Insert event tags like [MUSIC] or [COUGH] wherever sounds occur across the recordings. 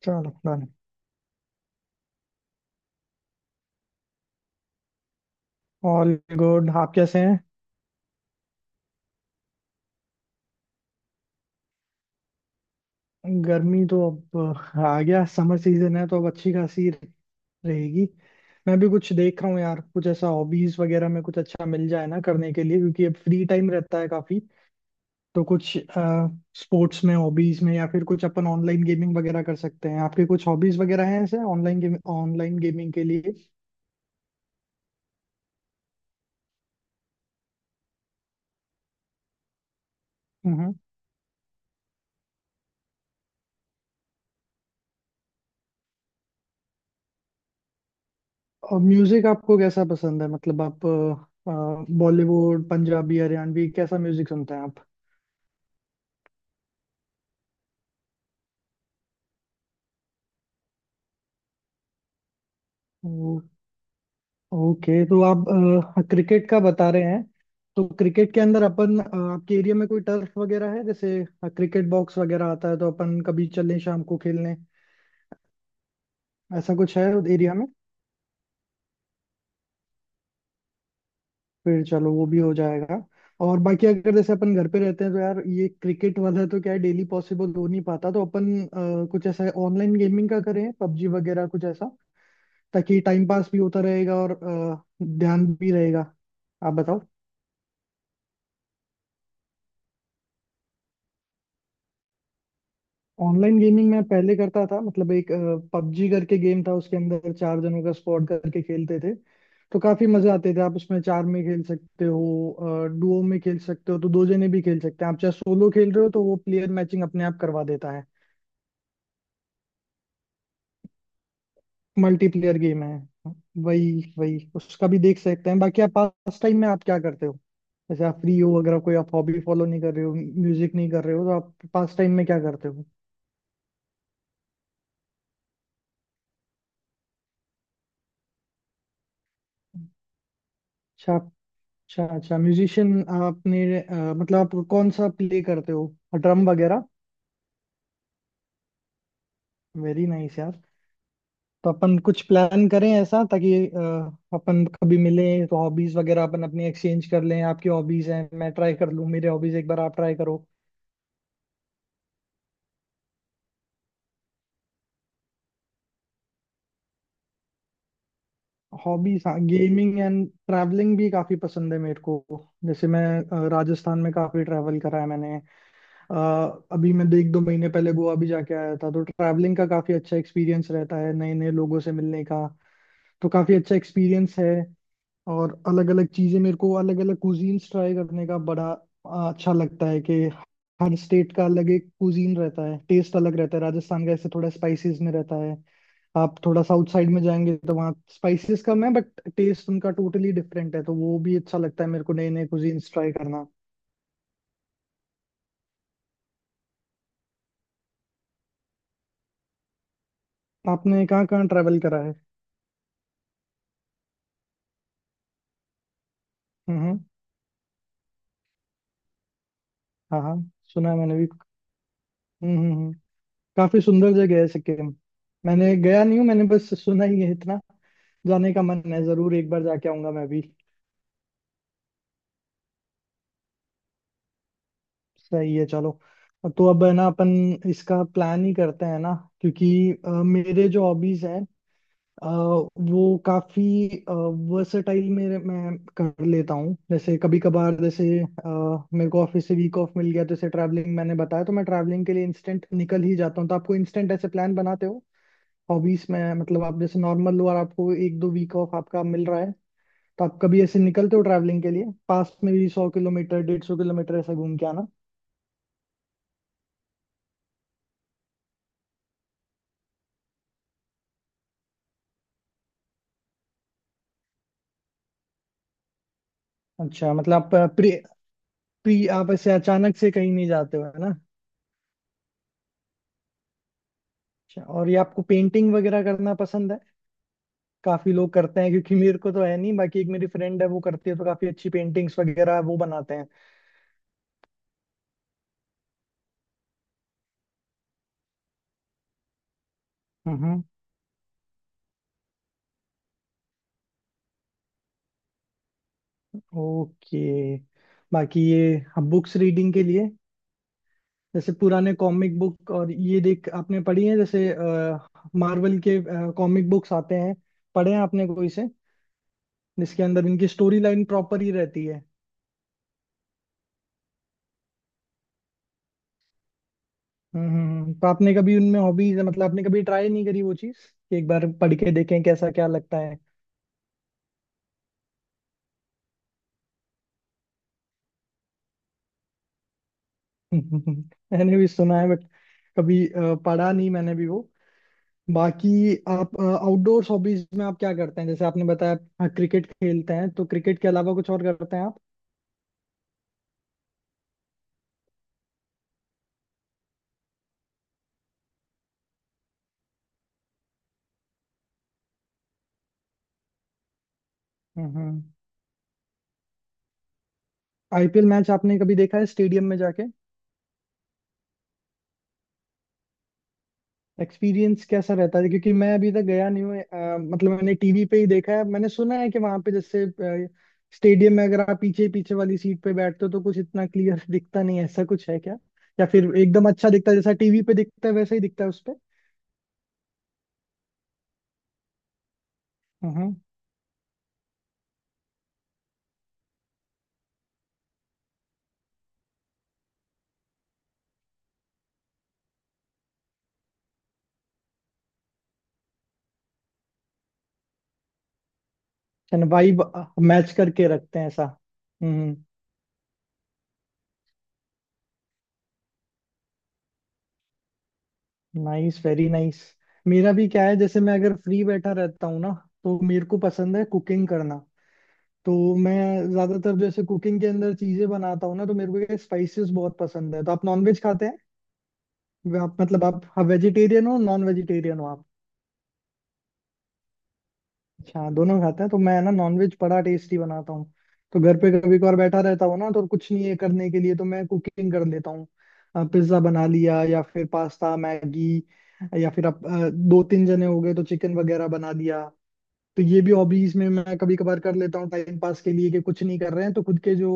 चलो, done. All good. आप कैसे हैं? गर्मी तो अब आ गया, समर सीजन है तो अब अच्छी खासी रहेगी। मैं भी कुछ देख रहा हूँ यार, कुछ ऐसा हॉबीज वगैरह में कुछ अच्छा मिल जाए ना करने के लिए, क्योंकि अब फ्री टाइम रहता है काफी। तो कुछ स्पोर्ट्स में, हॉबीज में, या फिर कुछ अपन ऑनलाइन गेमिंग वगैरह कर सकते हैं। आपके कुछ हॉबीज वगैरह हैं ऐसे ऑनलाइन गेमिंग के लिए? हम्म। और म्यूजिक आपको कैसा पसंद है? मतलब आप बॉलीवुड, पंजाबी, हरियाणवी, कैसा म्यूजिक सुनते हैं आप? ओ, ओके। तो आप क्रिकेट का बता रहे हैं। तो क्रिकेट के अंदर अपन, आपके एरिया में कोई टर्फ वगैरह है? जैसे क्रिकेट बॉक्स वगैरह आता है, तो अपन कभी चलें शाम को खेलने। ऐसा कुछ है एरिया में? फिर चलो, वो भी हो जाएगा। और बाकी अगर जैसे अपन घर पे रहते हैं, तो यार ये क्रिकेट वाला तो क्या है, डेली पॉसिबल हो नहीं पाता। तो अपन कुछ ऐसा ऑनलाइन गेमिंग का करें, पबजी वगैरह कुछ ऐसा, ताकि टाइम पास भी होता रहेगा और ध्यान भी रहेगा। आप बताओ। ऑनलाइन गेमिंग मैं पहले करता था, मतलब एक पबजी करके गेम था, उसके अंदर चार जनों का स्क्वाड करके खेलते थे। तो काफी मजे आते थे। आप उसमें चार में खेल सकते हो, डुओ में खेल सकते हो, तो दो जने भी खेल सकते हैं। आप चाहे सोलो खेल रहे हो, तो वो प्लेयर मैचिंग अपने आप करवा देता है। मल्टीप्लेयर गेम है, वही वही उसका भी देख सकते हैं। बाकी आप पास टाइम में आप क्या करते हो? जैसे आप फ्री हो, अगर आप कोई आप हॉबी फॉलो नहीं कर रहे हो, म्यूजिक नहीं कर रहे हो, तो आप पास टाइम में क्या करते हो? अच्छा। अच्छा, अच्छा। म्यूजिशियन। आपने मतलब आप कौन सा प्ले करते हो? ड्रम वगैरह? वेरी नाइस यार। तो अपन कुछ प्लान करें ऐसा, ताकि अपन कभी मिलें तो हॉबीज वगैरह अपन अपनी एक्सचेंज कर लें। आपकी हॉबीज हैं, मैं ट्राई कर लूँ, मेरे हॉबीज एक बार आप ट्राई करो। हॉबीज, हाँ, गेमिंग एंड ट्रैवलिंग भी काफी पसंद है मेरे को। जैसे मैं राजस्थान में काफी ट्रैवल करा है मैंने। अभी मैं देख 2 महीने पहले गोवा भी जाके आया था। तो ट्रैवलिंग का काफी अच्छा एक्सपीरियंस रहता है, नए नए लोगों से मिलने का, तो काफी अच्छा एक्सपीरियंस है। और अलग अलग चीजें, मेरे को अलग अलग कुजीन्स ट्राई करने का बड़ा अच्छा लगता है कि हर स्टेट का अलग एक कुजीन रहता है, टेस्ट अलग रहता है। राजस्थान का ऐसे थोड़ा स्पाइसेस में रहता है। आप थोड़ा साउथ साइड में जाएंगे तो वहाँ स्पाइसेस कम है, बट टेस्ट उनका टोटली डिफरेंट है। तो वो भी अच्छा लगता है मेरे को, नए नए कुजीन्स ट्राई करना। आपने कहाँ कहाँ ट्रैवल करा है? हम्म, हाँ हाँ। सुना है मैंने भी। हम्म, हम्म, काफी सुंदर जगह है सिक्किम। मैंने गया नहीं हूँ, मैंने बस सुना ही है इतना। जाने का मन है, जरूर एक बार जाके आऊंगा मैं भी। सही है, चलो। तो अब है ना, अपन इसका प्लान ही करते हैं ना। क्योंकि मेरे जो हॉबीज हैं, वो काफी वर्सेटाइल मेरे मैं कर लेता हूँ। जैसे कभी कभार, जैसे मेरे को ऑफिस से वीक ऑफ मिल गया, तो जैसे ट्रैवलिंग मैंने बताया, तो मैं ट्रैवलिंग के लिए इंस्टेंट निकल ही जाता हूँ। तो आपको इंस्टेंट ऐसे प्लान बनाते हो हॉबीज में है? मतलब आप जैसे नॉर्मल, और आपको एक दो वीक ऑफ आपका मिल रहा है, तो आप कभी ऐसे निकलते हो ट्रैवलिंग के लिए पास में भी, 100 किलोमीटर, 150 किलोमीटर, ऐसा घूम के आना? अच्छा, मतलब आप प्री प्री आप ऐसे अचानक से कहीं नहीं जाते हो, है ना? अच्छा। और ये आपको पेंटिंग वगैरह करना पसंद है? काफी लोग करते हैं, क्योंकि मेरे को तो है नहीं। बाकी एक मेरी फ्रेंड है वो करती है, तो काफी अच्छी पेंटिंग्स वगैरह वो बनाते हैं। हम्म। ओके। बाकी ये बुक्स रीडिंग के लिए, जैसे पुराने कॉमिक बुक और ये देख आपने पढ़ी है? जैसे मार्वल के कॉमिक बुक्स आते हैं, पढ़े हैं आपने कोई से, जिसके अंदर इनकी स्टोरी लाइन प्रॉपर ही रहती है? हम्म, तो आपने कभी उनमें हॉबीज, मतलब आपने कभी ट्राई नहीं करी वो चीज, कि एक बार पढ़ के देखें कैसा क्या लगता है? [LAUGHS] मैंने भी सुना है, बट कभी पढ़ा नहीं मैंने भी वो। बाकी आप आउटडोर हॉबीज में आप क्या करते हैं? जैसे आपने बताया आप क्रिकेट खेलते हैं, तो क्रिकेट के अलावा कुछ और करते हैं आप? हम्म, हम्म। आईपीएल मैच आपने कभी देखा है स्टेडियम में जाके? एक्सपीरियंस कैसा रहता है? क्योंकि मैं अभी तक गया नहीं हूँ। मतलब मैंने टीवी पे ही देखा है। मैंने सुना है कि वहां पे जैसे स्टेडियम में अगर आप पीछे पीछे वाली सीट पे बैठते हो, तो कुछ इतना क्लियर [LAUGHS] दिखता नहीं है। ऐसा कुछ है क्या? या फिर एकदम अच्छा दिखता है, जैसा टीवी पे दिखता है वैसा ही दिखता है उस पे? हम्म। यानी वाइब मैच करके रखते हैं ऐसा। हम्म। Nice, very nice. मेरा भी क्या है, जैसे मैं अगर फ्री बैठा रहता हूँ ना, तो मेरे को पसंद है कुकिंग करना। तो मैं ज्यादातर जैसे कुकिंग के अंदर चीजें बनाता हूँ ना, तो मेरे को स्पाइसेस बहुत पसंद है। तो आप नॉन वेज खाते हैं? आप मतलब आप वेजिटेरियन हो, नॉन वेजिटेरियन हो आप? अच्छा, हाँ, दोनों खाते हैं। तो मैं ना, नॉन वेज बड़ा टेस्टी बनाता हूँ। तो घर पे कभी कभार बैठा रहता हूँ ना, तो कुछ नहीं है करने के लिए, तो मैं कुकिंग कर लेता हूँ। पिज्जा बना लिया, या फिर पास्ता, मैगी, या फिर आप दो तीन जने हो गए तो चिकन वगैरह बना लिया। तो ये भी हॉबीज में मैं कभी कभार कर लेता हूँ, टाइम पास के लिए, कि कुछ नहीं कर रहे हैं, तो खुद के जो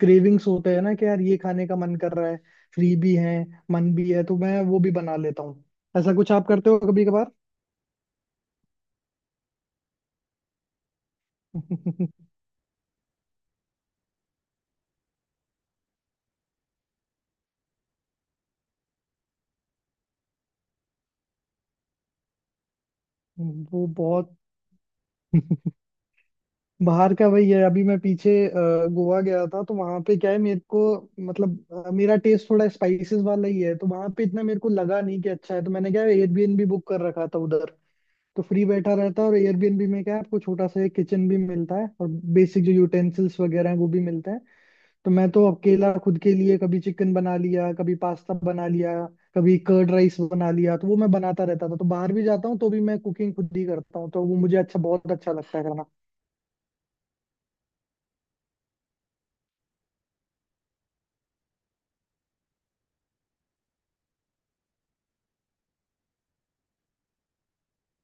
क्रेविंग्स होते हैं ना, कि यार ये खाने का मन कर रहा है, फ्री भी है, मन भी है, तो मैं वो भी बना लेता हूँ। ऐसा कुछ आप करते हो कभी कभार? [LAUGHS] वो बहुत, बाहर का वही है। अभी मैं पीछे गोवा गया था, तो वहां पे क्या है मेरे को, मतलब मेरा टेस्ट थोड़ा स्पाइसेस वाला ही है, तो वहां पे इतना मेरे को लगा नहीं कि अच्छा है। तो मैंने क्या, एयरबीएनबी बुक कर रखा था उधर। तो फ्री बैठा रहता है, और एयरबीएनबी में क्या है, आपको छोटा सा एक किचन भी मिलता है, और बेसिक जो यूटेंसिल्स वगैरह हैं वो भी मिलते हैं। तो मैं तो अकेला खुद के लिए कभी चिकन बना लिया, कभी पास्ता बना लिया, कभी कर्ड राइस बना लिया, तो वो मैं बनाता रहता था। तो बाहर भी जाता हूँ तो भी मैं कुकिंग खुद ही करता हूँ, तो वो मुझे अच्छा, बहुत अच्छा लगता है करना।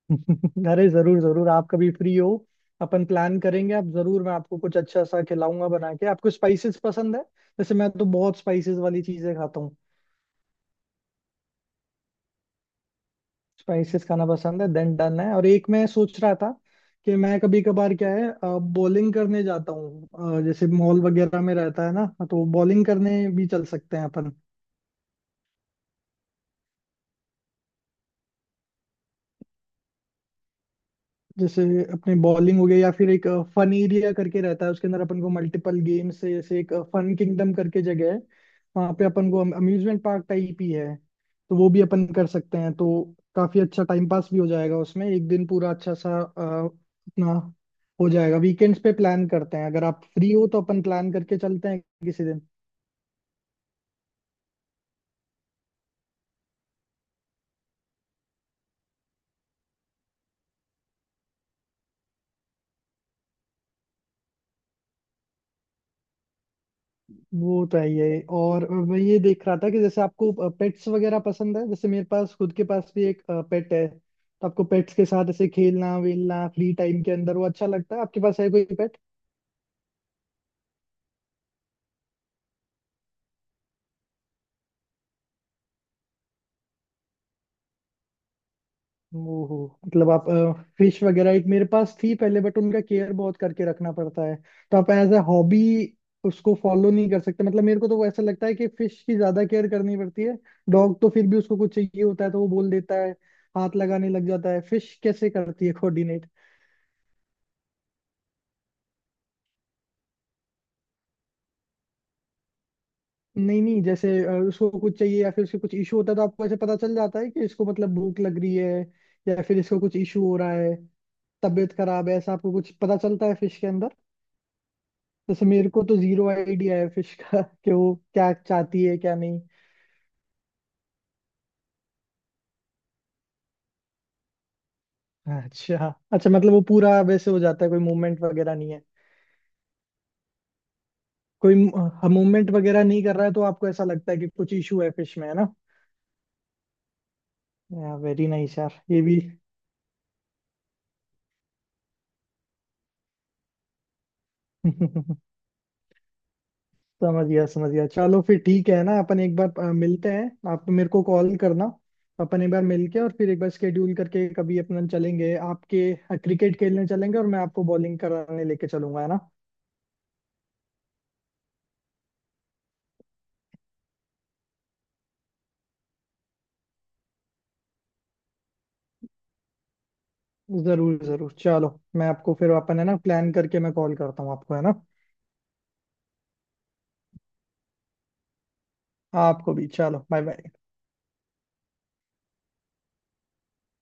[LAUGHS] अरे, जरूर जरूर, आप कभी फ्री हो अपन प्लान करेंगे। आप जरूर, मैं आपको कुछ अच्छा सा खिलाऊंगा बना के। आपको स्पाइसेस पसंद है? जैसे मैं तो बहुत स्पाइसेस वाली चीजें खाता। स्पाइसेस खाना पसंद है, देन डन है। और एक मैं सोच रहा था कि मैं कभी कभार क्या है, बॉलिंग करने जाता हूँ। जैसे मॉल वगैरह में रहता है ना, तो बॉलिंग करने भी चल सकते हैं अपन। जैसे अपने बॉलिंग हो गया, या फिर एक फन एरिया करके रहता है, उसके अंदर अपन को मल्टीपल गेम्स है। जैसे एक फन किंगडम करके जगह है, वहाँ पे अपन को अम्यूजमेंट पार्क टाइप ही है, तो वो भी अपन कर सकते हैं। तो काफी अच्छा टाइम पास भी हो जाएगा उसमें, एक दिन पूरा अच्छा सा अपना हो जाएगा। वीकेंड्स पे प्लान करते हैं, अगर आप फ्री हो तो अपन प्लान करके चलते हैं किसी दिन। वो तो है ही है। और मैं ये देख रहा था कि जैसे आपको पेट्स वगैरह पसंद है, जैसे मेरे पास खुद के पास भी एक पेट है, तो आपको पेट्स के साथ ऐसे खेलना वेलना फ्री टाइम के अंदर, वो अच्छा लगता है? आपके पास है कोई पेट? ओहो, मतलब आप फिश वगैरह, एक मेरे पास थी पहले, बट उनका केयर बहुत करके रखना पड़ता है। तो आप एज ए हॉबी उसको फॉलो नहीं कर सकते। मतलब मेरे को तो वो ऐसा लगता है कि फिश की ज्यादा केयर करनी पड़ती है। डॉग तो फिर भी उसको कुछ चाहिए होता है तो वो बोल देता है, हाथ लगाने लग जाता है। फिश कैसे करती है कोऑर्डिनेट? नहीं नहीं, जैसे उसको कुछ चाहिए या फिर उसको कुछ इशू होता है, तो आपको ऐसे पता चल जाता है कि इसको मतलब भूख लग रही है, या फिर इसको कुछ इशू हो रहा है, तबीयत खराब है, ऐसा आपको कुछ पता चलता है फिश के अंदर? जैसे मेरे को तो जीरो आइडिया है फिश का [LAUGHS] कि वो क्या चाहती है क्या नहीं। अच्छा। अच्छा, मतलब वो पूरा वैसे हो जाता है, कोई मूवमेंट वगैरह नहीं है, कोई मूवमेंट वगैरह नहीं कर रहा है, तो आपको ऐसा लगता है कि कुछ इशू है फिश में, है ना? या वेरी नाइस यार, ये भी। [LAUGHS] समझ गया, समझ गया। चलो फिर, ठीक है ना, अपन एक बार मिलते हैं, आप मेरे को कॉल करना। अपन एक बार मिलके, और फिर एक बार स्केड्यूल करके कभी अपन चलेंगे, आपके क्रिकेट खेलने चलेंगे और मैं आपको बॉलिंग कराने लेके चलूंगा, है ना? जरूर जरूर, चलो। मैं आपको फिर अपन है ना, प्लान करके मैं कॉल करता हूँ आपको, है ना? आपको भी। चलो, बाय बाय।